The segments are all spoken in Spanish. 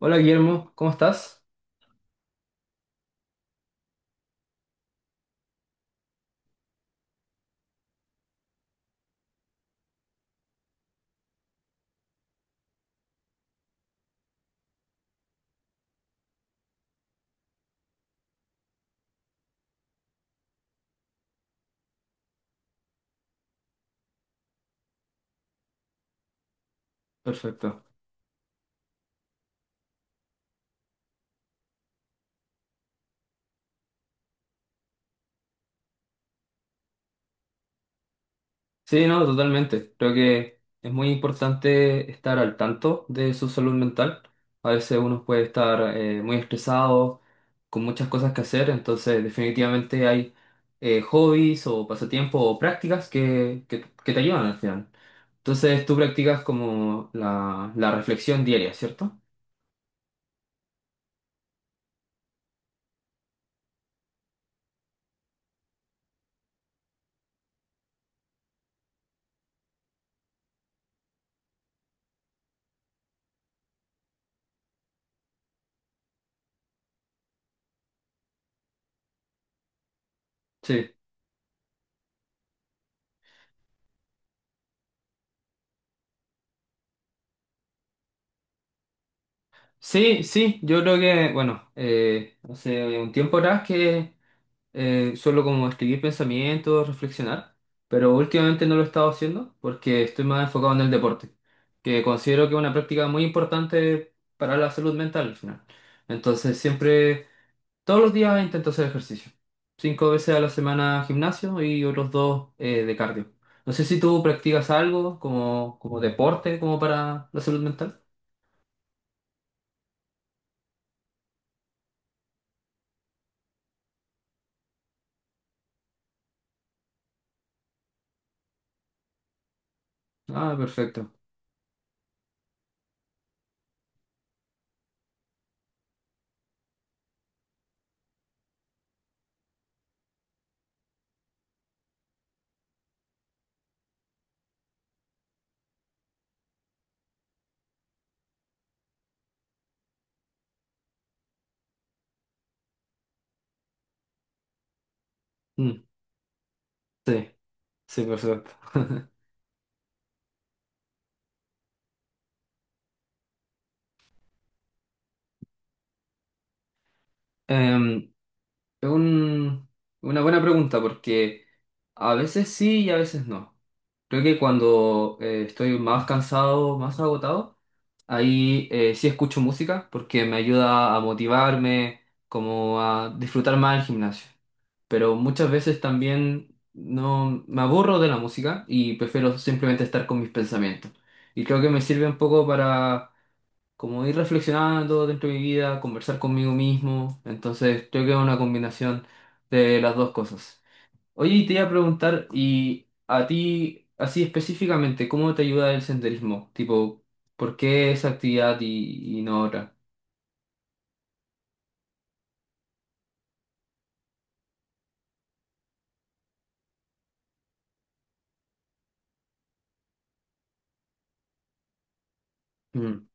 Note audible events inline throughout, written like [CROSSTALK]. Hola Guillermo, ¿cómo estás? Perfecto. Sí, no, totalmente. Creo que es muy importante estar al tanto de su salud mental. A veces uno puede estar muy estresado, con muchas cosas que hacer, entonces definitivamente hay hobbies o pasatiempos o prácticas que te ayudan al final. Entonces tú practicas como la reflexión diaria, ¿cierto? Sí, sí, yo creo que, bueno, hace un tiempo atrás que solo como escribir pensamientos, reflexionar, pero últimamente no lo he estado haciendo porque estoy más enfocado en el deporte, que considero que es una práctica muy importante para la salud mental al final. Entonces siempre, todos los días intento hacer ejercicio. Cinco veces a la semana gimnasio y otros dos de cardio. No sé si tú practicas algo como, como deporte, como para la salud mental. Ah, perfecto. Mm, sí, sí, perfecto. [LAUGHS] Em, Es un- una buena pregunta porque a veces sí y a veces no. Creo que cuando estoy más cansado, más agotado, ahí sí escucho música porque me ayuda a motivarme, como a disfrutar más el gimnasio. Pero muchas veces también no me aburro de la música y prefiero simplemente estar con mis pensamientos. Y creo que me sirve un poco para como ir reflexionando dentro de mi vida, conversar conmigo mismo. Entonces, creo que es una combinación de las dos cosas. Oye, y te iba a preguntar, ¿y a ti, así específicamente, cómo te ayuda el senderismo? Tipo, ¿por qué esa actividad y, no otra? Mm.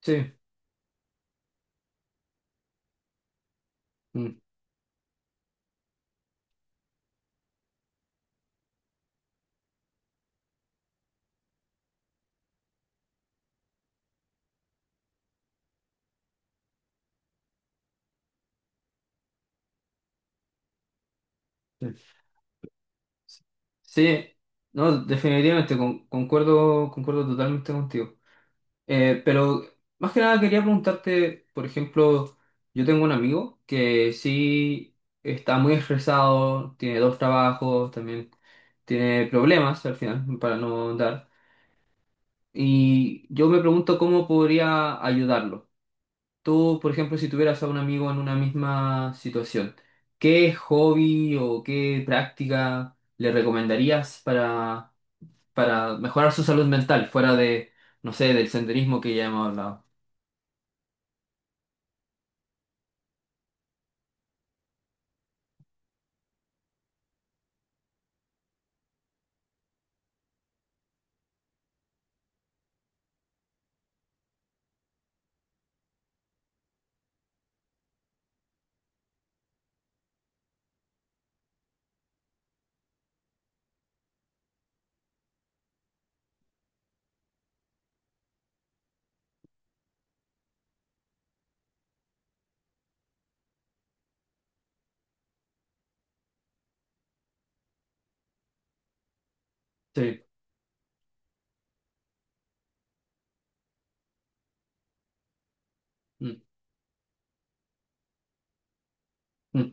Sí. Mm, sí. Sí, no, definitivamente, concuerdo, concuerdo totalmente contigo. Pero más que nada quería preguntarte, por ejemplo, yo tengo un amigo que sí está muy estresado, tiene dos trabajos, también tiene problemas al final para no andar. Y yo me pregunto cómo podría ayudarlo. Tú, por ejemplo, si tuvieras a un amigo en una misma situación, ¿qué hobby o qué práctica le recomendarías para mejorar su salud mental fuera de, no sé, del senderismo que ya hemos hablado? Sí. Mm, mm,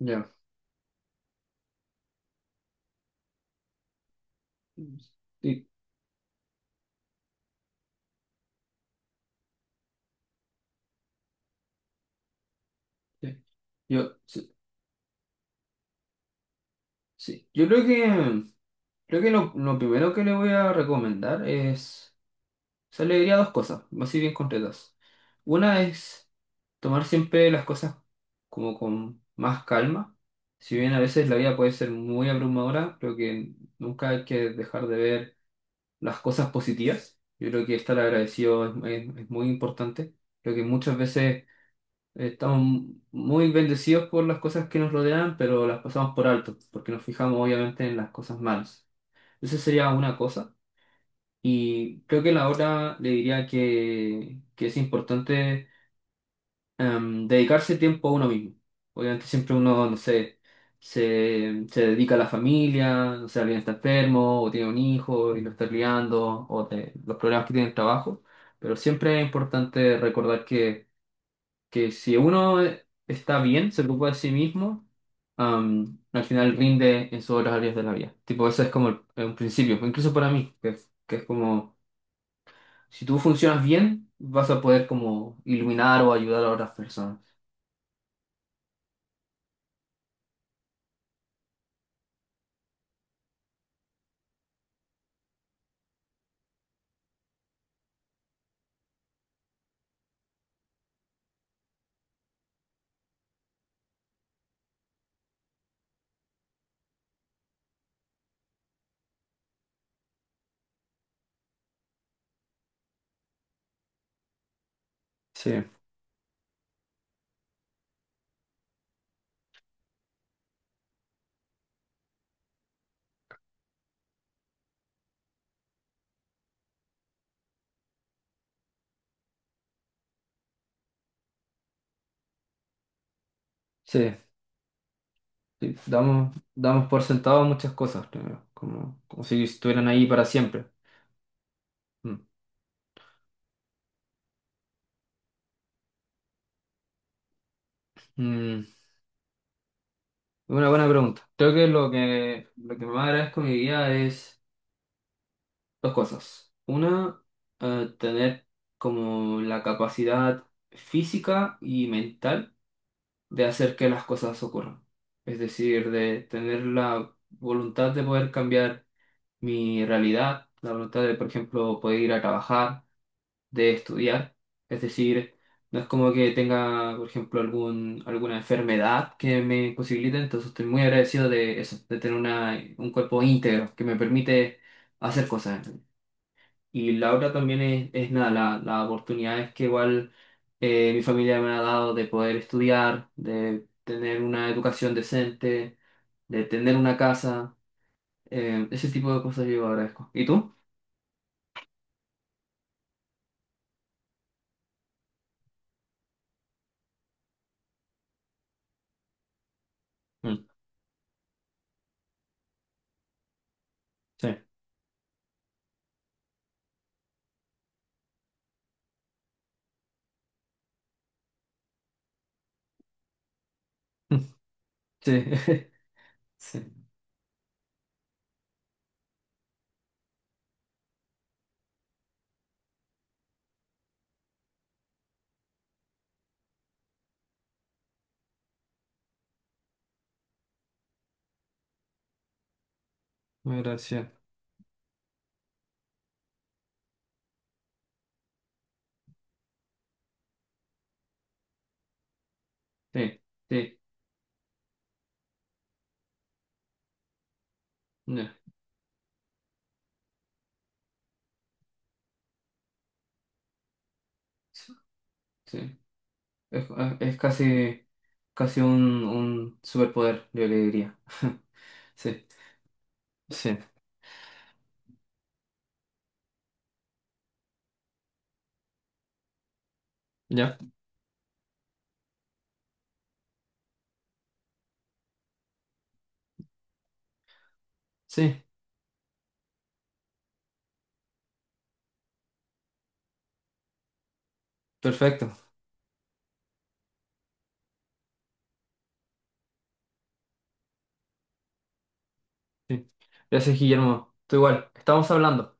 ya. Sí, sí. Yo, sí, sí. Yo creo que lo primero que le voy a recomendar es, o sea, le diría dos cosas, así bien concretas. Una es tomar siempre las cosas como con más calma. Si bien a veces la vida puede ser muy abrumadora, creo que nunca hay que dejar de ver las cosas positivas. Yo creo que estar agradecido es muy importante. Creo que muchas veces estamos muy bendecidos por las cosas que nos rodean, pero las pasamos por alto, porque nos fijamos obviamente en las cosas malas. Esa sería una cosa. Y creo que la otra le diría que es importante dedicarse tiempo a uno mismo. Obviamente siempre uno, no sé, se dedica a la familia, no sé, alguien está enfermo o tiene un hijo y lo está criando, o de los problemas que tiene el trabajo, pero siempre es importante recordar que si uno está bien, se preocupa de sí mismo, al final rinde en sus otras áreas de la vida. Tipo, eso es como un principio, incluso para mí, que es como, si tú funcionas bien, vas a poder como iluminar o ayudar a otras personas. Sí, sí, sí. damos por sentado muchas cosas, creo, como, como si estuvieran ahí para siempre. Mm. Mm, una buena pregunta. Creo que lo que más agradezco en mi vida es... Dos cosas. Una, tener como la capacidad física y mental de hacer que las cosas ocurran. Es decir, de tener la voluntad de poder cambiar mi realidad, la voluntad de, por ejemplo, poder ir a trabajar, de estudiar. Es decir, no es como que tenga, por ejemplo, alguna enfermedad que me imposibilite, entonces estoy muy agradecido de eso, de tener un cuerpo íntegro que me permite hacer cosas. Y la otra también es nada, la oportunidad es que igual mi familia me ha dado de poder estudiar, de tener una educación decente, de tener una casa, ese tipo de cosas yo agradezco. ¿Y tú? Mm, sí, [LAUGHS] sí, [LAUGHS] sí, muy gracias. Sí, sí, no, sí, sí. Es, es casi, casi un superpoder, yo le diría. [LAUGHS] Sí, sí, ya, sí, perfecto. Sí. Gracias, Guillermo. Tú igual. Estamos hablando.